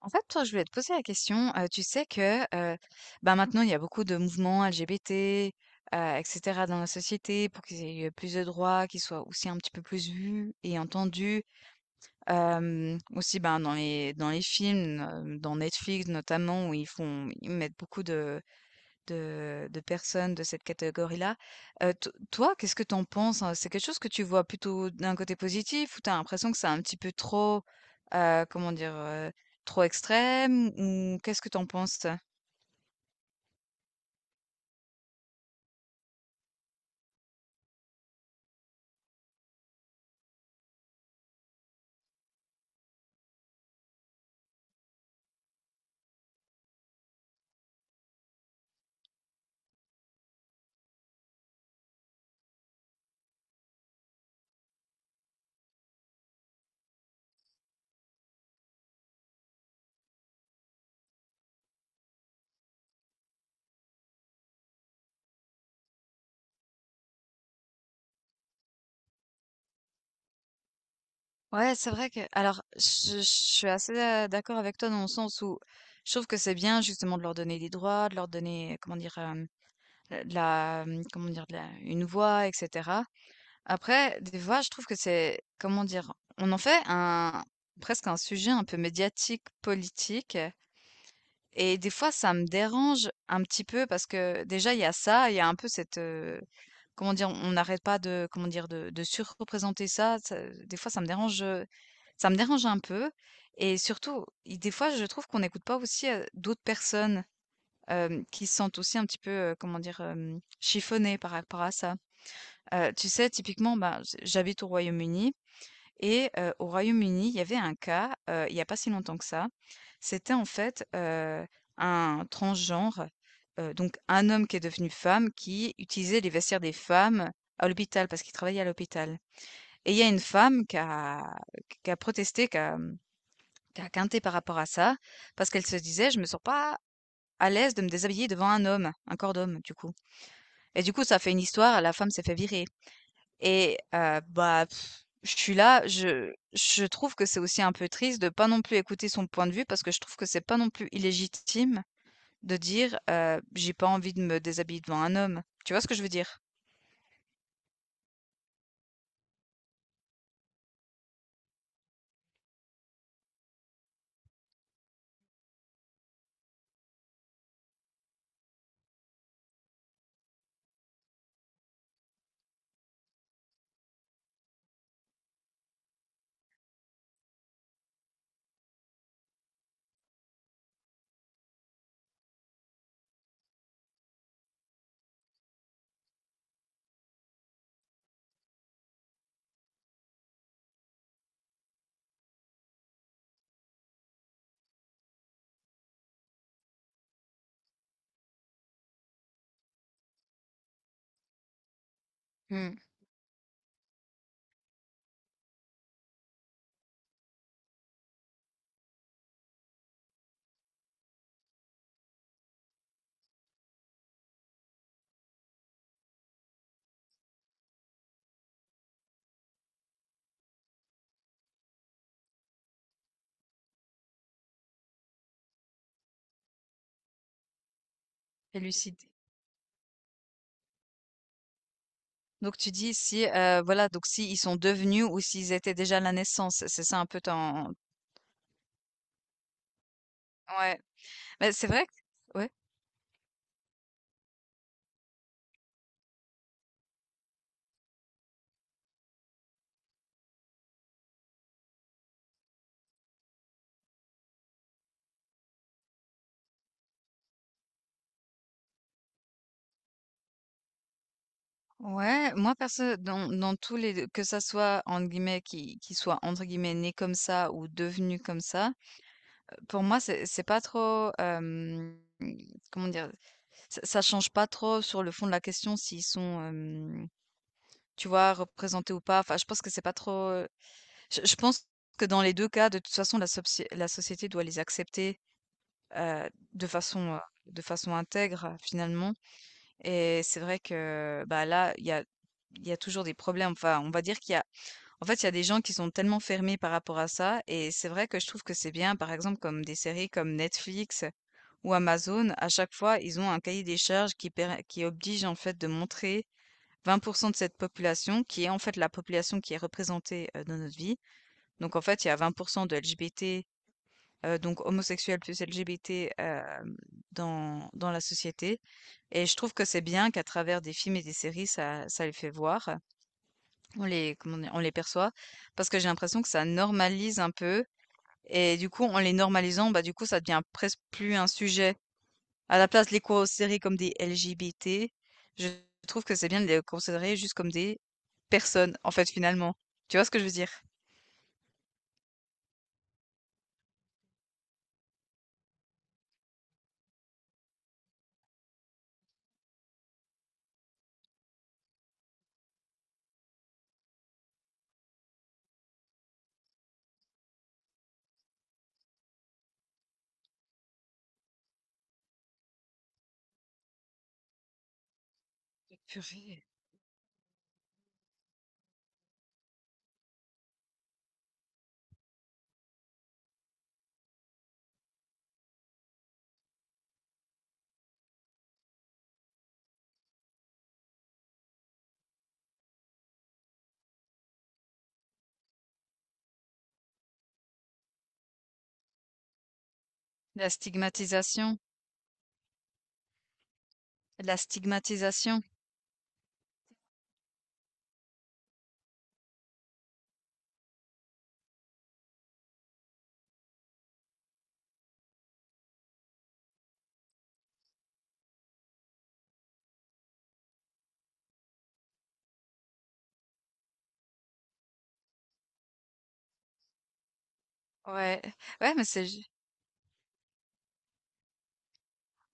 En fait, toi, je voulais te poser la question. Tu sais que maintenant, il y a beaucoup de mouvements LGBT, etc. dans la société pour qu'ils aient plus de droits, qu'ils soient aussi un petit peu plus vus et entendus. Aussi ben, dans les films, dans Netflix notamment, où ils font, ils mettent beaucoup de, de personnes de cette catégorie-là. To Toi, qu'est-ce que tu en penses, hein? C'est quelque chose que tu vois plutôt d'un côté positif ou t'as l'impression que c'est un petit peu trop, comment dire? Trop extrême ou qu'est-ce que tu en penses, toi? Ouais, c'est vrai que alors je suis assez, d'accord avec toi dans le sens où je trouve que c'est bien justement de leur donner des droits, de leur donner, comment dire? De la, comment dire? De la une voix et cetera. Après, des fois, je trouve que c'est, comment dire, on en fait un, presque un sujet un peu médiatique, politique. Et des fois, ça me dérange un petit peu parce que déjà, il y a ça, il y a un peu cette, comment dire, on n'arrête pas de, comment dire, de surreprésenter ça. Des fois, ça me dérange un peu. Et surtout, des fois, je trouve qu'on n'écoute pas aussi d'autres personnes qui se sentent aussi un petit peu, comment dire, chiffonnées par rapport à ça. Tu sais, typiquement, ben, j'habite au Royaume-Uni et au Royaume-Uni, il y avait un cas, il y a pas si longtemps que ça. C'était en fait, un transgenre, donc un homme qui est devenu femme, qui utilisait les vestiaires des femmes à l'hôpital parce qu'il travaillait à l'hôpital et il y a une femme qui a protesté, qui a, qui a quinté par rapport à ça parce qu'elle se disait: «Je me sens pas à l'aise de me déshabiller devant un homme, un corps d'homme, du coup» et du coup, ça a fait une histoire, la femme s'est fait virer. Et je suis là, je trouve que c'est aussi un peu triste de pas non plus écouter son point de vue parce que je trouve que c'est pas non plus illégitime de dire, «J'ai pas envie de me déshabiller devant un homme». Tu vois ce que je veux dire? Hmm. C'est lucide. Donc tu dis si, voilà, donc si ils sont devenus ou s'ils étaient déjà à la naissance, c'est ça un peu ton ouais. Mais c'est vrai que ouais. Ouais, moi perso dans tous les 2 que ça soit entre guillemets qui soit entre guillemets né comme ça» ou devenu comme ça», pour moi c'est pas trop, comment dire? Ça change pas trop sur le fond de la question s'ils sont, tu vois, représentés ou pas. Enfin, je pense que c'est pas trop, je pense que dans les 2 cas, de toute façon, la société doit les accepter heu, de façon, heu, de façon intègre finalement et c'est vrai que, bah, là, il y a toujours des problèmes. Enfin, on va dire qu'il y a en fait, il y a des gens qui sont tellement fermés par rapport à ça et c'est vrai que je trouve que c'est bien, par exemple, comme des séries comme Netflix ou Amazon, à chaque fois, ils ont un cahier des charges qui oblige, en fait, de montrer 20% de cette population qui est, en fait, la population qui est représentée, dans notre vie. Donc en fait, il y a 20% de LGBT donc homosexuels plus LGBT, dans la société et je trouve que c'est bien qu'à travers des films et des séries, ça les fait voir. On les comment dire? On les perçoit parce que j'ai l'impression que ça normalise un peu et du coup, en les normalisant, bah, du coup, ça devient presque plus un sujet. À la place de les considérer comme des LGBT, je trouve que c'est bien de les considérer juste comme des personnes, en fait, finalement. Tu vois ce que je veux dire? Purée. La stigmatisation, la stigmatisation. Ouais, ouais, mais c'est, ju-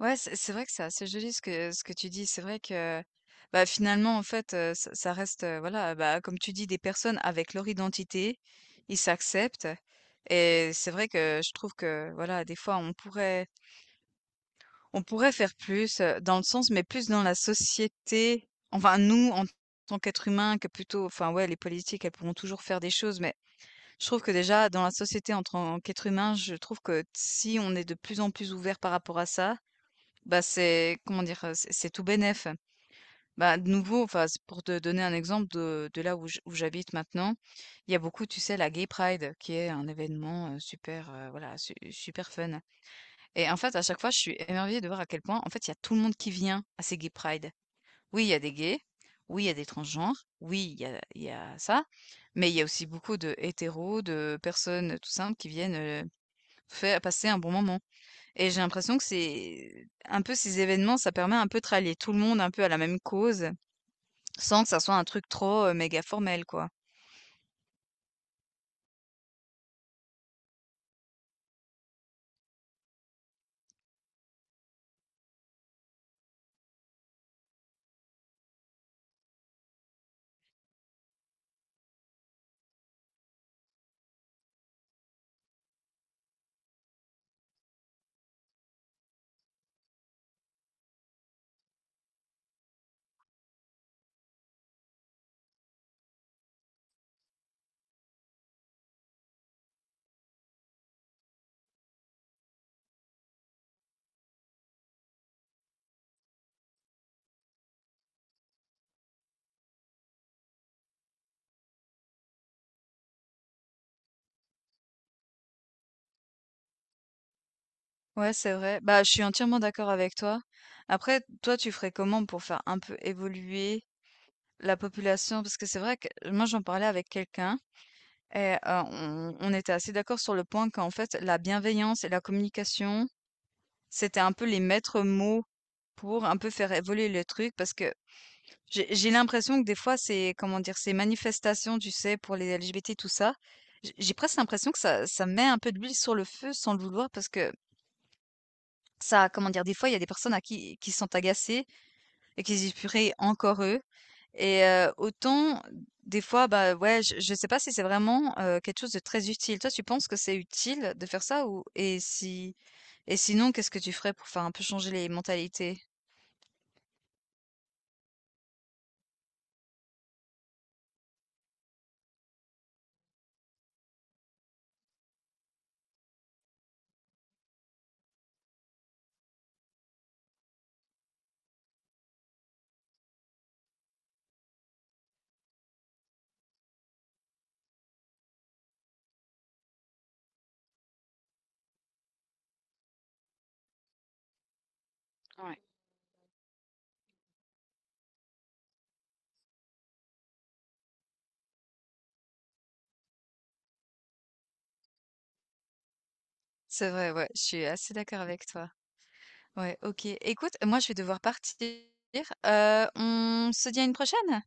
ouais, c'est vrai que c'est assez joli ce que tu dis. C'est vrai que, bah, finalement, en fait, ça, ça reste, voilà, bah, comme tu dis, des personnes avec leur identité, ils s'acceptent. Et c'est vrai que je trouve que, voilà, des fois, on pourrait faire plus, dans le sens mais plus dans la société, enfin nous, en tant qu'êtres humains, que plutôt enfin ouais, les politiques, elles pourront toujours faire des choses, mais je trouve que déjà dans la société en tant qu'être humain, je trouve que si on est de plus en plus ouvert par rapport à ça, bah, c'est comment dire? C'est tout bénef. Bah, de nouveau, enfin, c'est pour te donner un exemple de là où j où j'habite maintenant, il y a beaucoup, tu sais, la Gay Pride qui est un événement, super, voilà, su super fun. Et en fait, à chaque fois, je suis émerveillée de voir à quel point, en fait, il y a tout le monde qui vient à ces gay pride. Oui, il y a des gays, oui, il y a des transgenres, oui, il y a ça, mais il y a aussi beaucoup de hétéros, de personnes tout simples qui viennent faire passer un bon moment. Et j'ai l'impression que c'est un peu ces événements, ça permet un peu de rallier tout le monde un peu à la même cause, sans que ça soit un truc trop méga formel, quoi. Ouais, c'est vrai. Bah, je suis entièrement d'accord avec toi. Après, toi, tu ferais comment pour faire un peu évoluer la population? Parce que c'est vrai que moi, j'en parlais avec quelqu'un et on était assez d'accord sur le point qu'en fait, la bienveillance et la communication c'était un peu les maîtres mots pour un peu faire évoluer le truc parce que j'ai l'impression que des fois c'est comment dire ces manifestations, tu sais, pour les LGBT tout ça, j'ai presque l'impression que ça met un peu d'huile sur le feu sans le vouloir parce que ça comment dire des fois il y a des personnes à qui sont agacées et qui se disent purée encore eux et autant des fois bah ouais je sais pas si c'est vraiment quelque chose de très utile. Toi tu penses que c'est utile de faire ça ou et si et sinon qu'est-ce que tu ferais pour faire un peu changer les mentalités? Ouais. C'est vrai, ouais, je suis assez d'accord avec toi. Ouais, OK. Écoute, moi, je vais devoir partir. On se dit à une prochaine?